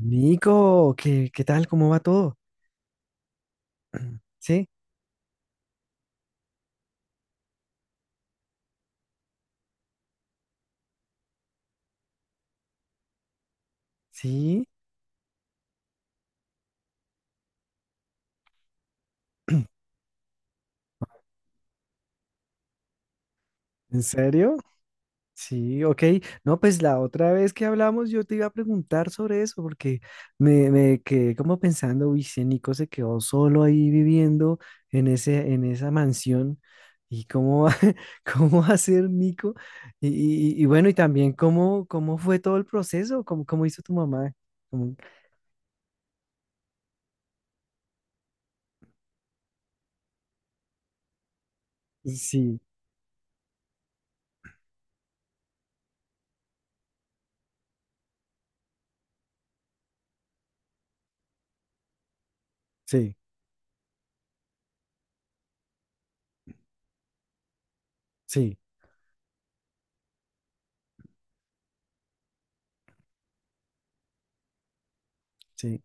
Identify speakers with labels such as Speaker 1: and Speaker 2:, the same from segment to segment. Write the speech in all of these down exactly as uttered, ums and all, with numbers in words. Speaker 1: Nico, ¿qué, qué tal? ¿Cómo va todo? ¿Sí? ¿Sí? ¿En serio? Sí, ok. No, pues la otra vez que hablamos yo te iba a preguntar sobre eso porque me, me quedé como pensando, uy, si Nico se quedó solo ahí viviendo en ese, en esa mansión y cómo, va- cómo va a ser Nico. Y, y- y bueno, y también cómo, cómo fue todo el proceso, cómo, cómo hizo tu mamá. Cómo- Sí, sí, sí, sí,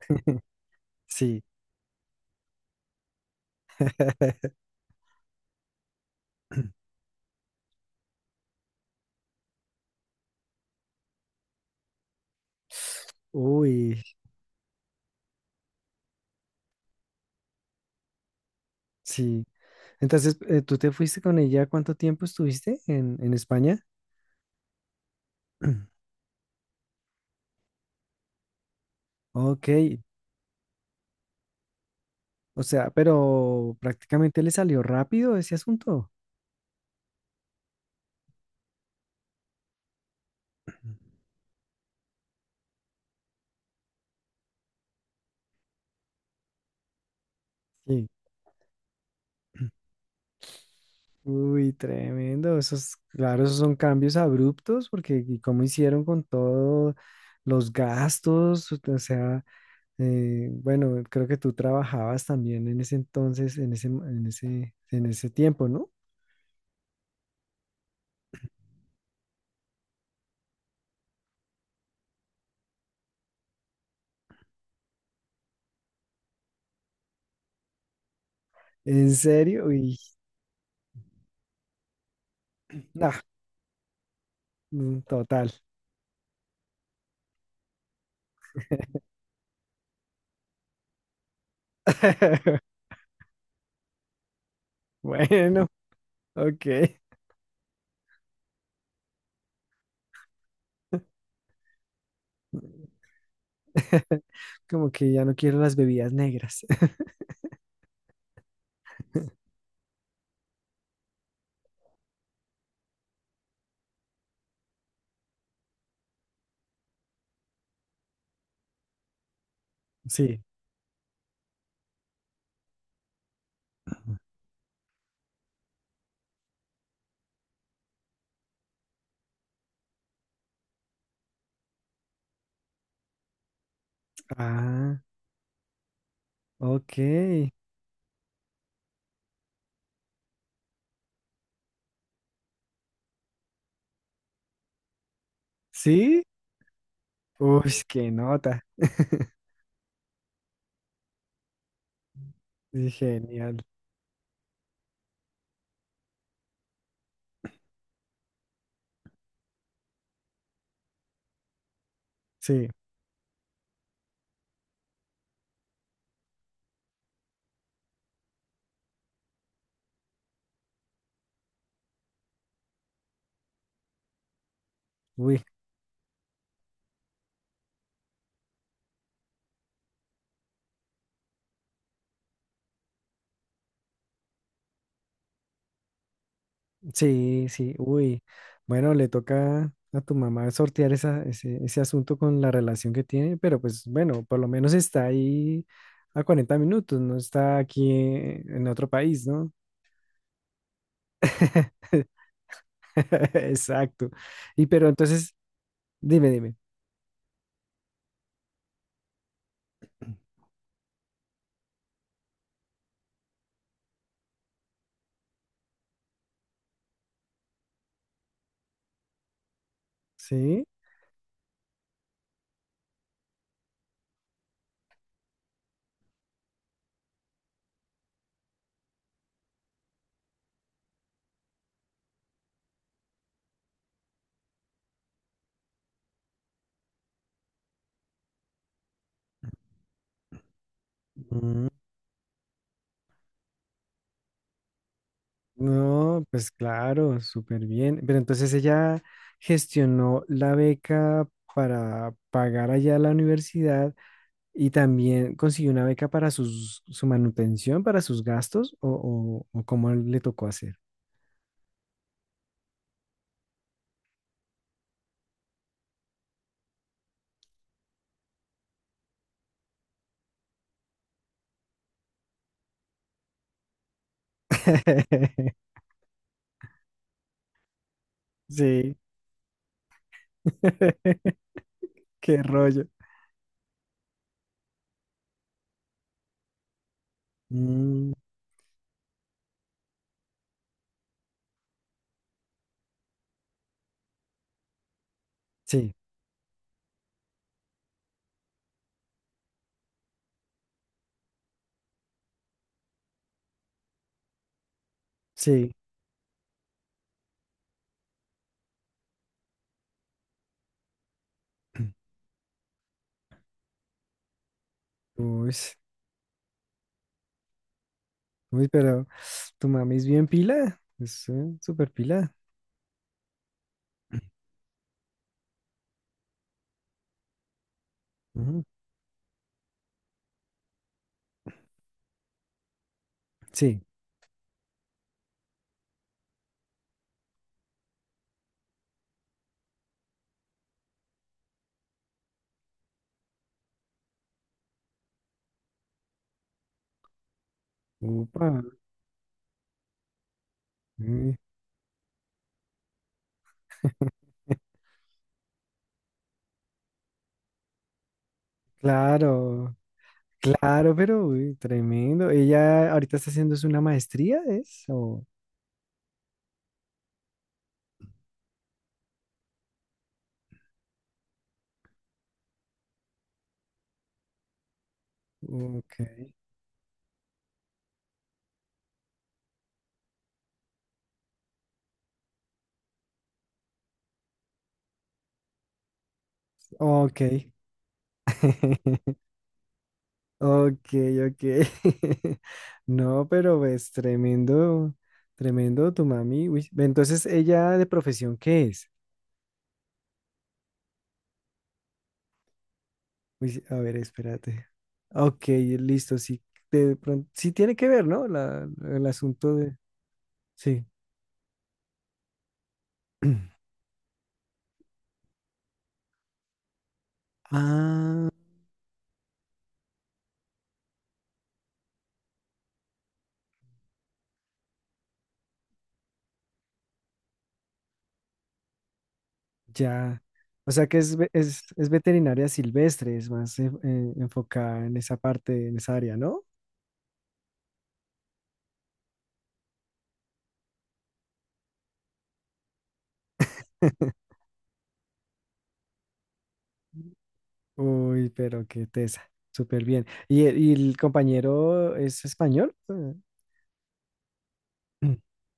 Speaker 1: sí. Uy, sí. Entonces, eh, ¿tú te fuiste con ella? ¿Cuánto tiempo estuviste en, en España? Ok, o sea, pero prácticamente le salió rápido ese asunto. Sí. Uy, tremendo. Esos, claro, esos son cambios abruptos porque ¿y cómo hicieron con todos los gastos? O sea, eh, bueno, creo que tú trabajabas también en ese entonces, en ese, en ese, en ese tiempo, ¿no? ¿En serio? Y nah, mm, total. Bueno, ok. Como que ya no quiero las bebidas negras. Sí. Ah, ok. ¿Sí? Uy, qué nota. Sí, genial. Sí, uy, sí, sí, uy. Bueno, le toca a tu mamá sortear esa, ese, ese asunto con la relación que tiene, pero pues bueno, por lo menos está ahí a cuarenta minutos, no está aquí en otro país, ¿no? Exacto. Y pero entonces, dime, dime. Sí, mm, no, pues claro, súper bien. Pero entonces ella gestionó la beca para pagar allá la universidad y también consiguió una beca para sus, su manutención, para sus gastos, o, o, o cómo le tocó hacer. Sí, qué rollo. Mm, sí, sí. Uy, Uy, pero tu mami es bien pila, es eh, súper pila. Ujú. Sí. Upa. Uy, Claro, claro, pero uy, tremendo. Ella ahorita está haciendo es una maestría, ¿es? O- ok, ok, ok, ok. No, pero es tremendo, tremendo tu mami. Uy, ve, entonces, ¿ella de profesión qué es? Uy, sí, a ver, espérate. Ok, listo, sí. De pronto, sí tiene que ver, ¿no? La- el asunto de... Sí. Ah, ya. O sea que es, ve- es, es veterinaria silvestre, es más eh, eh, enfocada en esa parte, en esa área, ¿no? Uy, pero qué tesa. Súper bien. ¿Y, el y el compañero es español? Eh,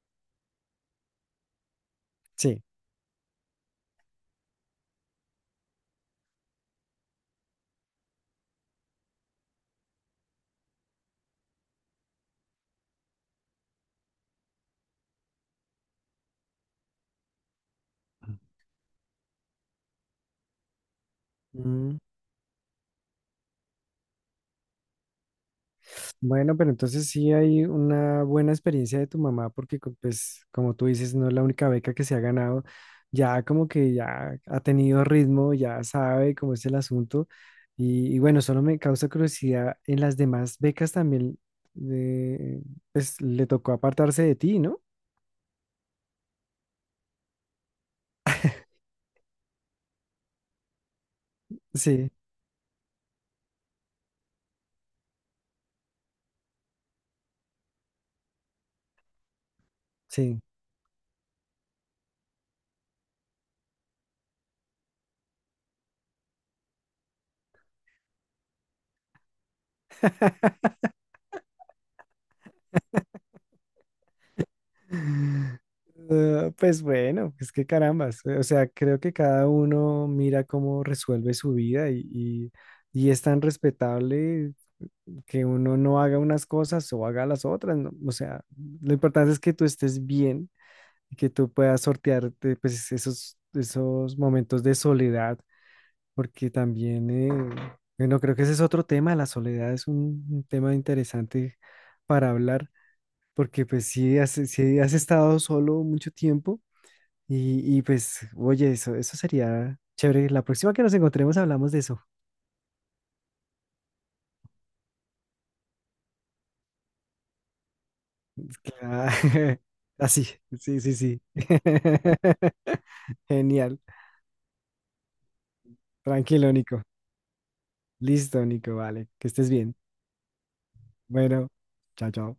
Speaker 1: Sí. Bueno, pero entonces sí hay una buena experiencia de tu mamá porque co- pues como tú dices, no es la única beca que se ha ganado, ya como que ya ha tenido ritmo, ya sabe cómo es el asunto y, y bueno, solo me causa curiosidad, en las demás becas también eh, pues le tocó apartarse de ti, ¿no? Sí, sí. Ah, pues bueno, es que carambas, eh, o sea, creo que cada uno mira cómo resuelve su vida y, y- y es tan respetable que uno no haga unas cosas o haga las otras, ¿no? O sea, lo importante es que tú estés bien y que tú puedas sortearte pues esos, esos momentos de soledad, porque también, eh, bueno, creo que ese es otro tema, la soledad es un, un tema interesante para hablar, porque pues si has, si has estado solo mucho tiempo y, y pues, oye, eso, eso sería chévere. La próxima que nos encontremos hablamos de eso. Ah, Así, sí, sí, sí. Genial. Tranquilo, Nico. Listo, Nico, vale. Que estés bien. Bueno, chao, chao.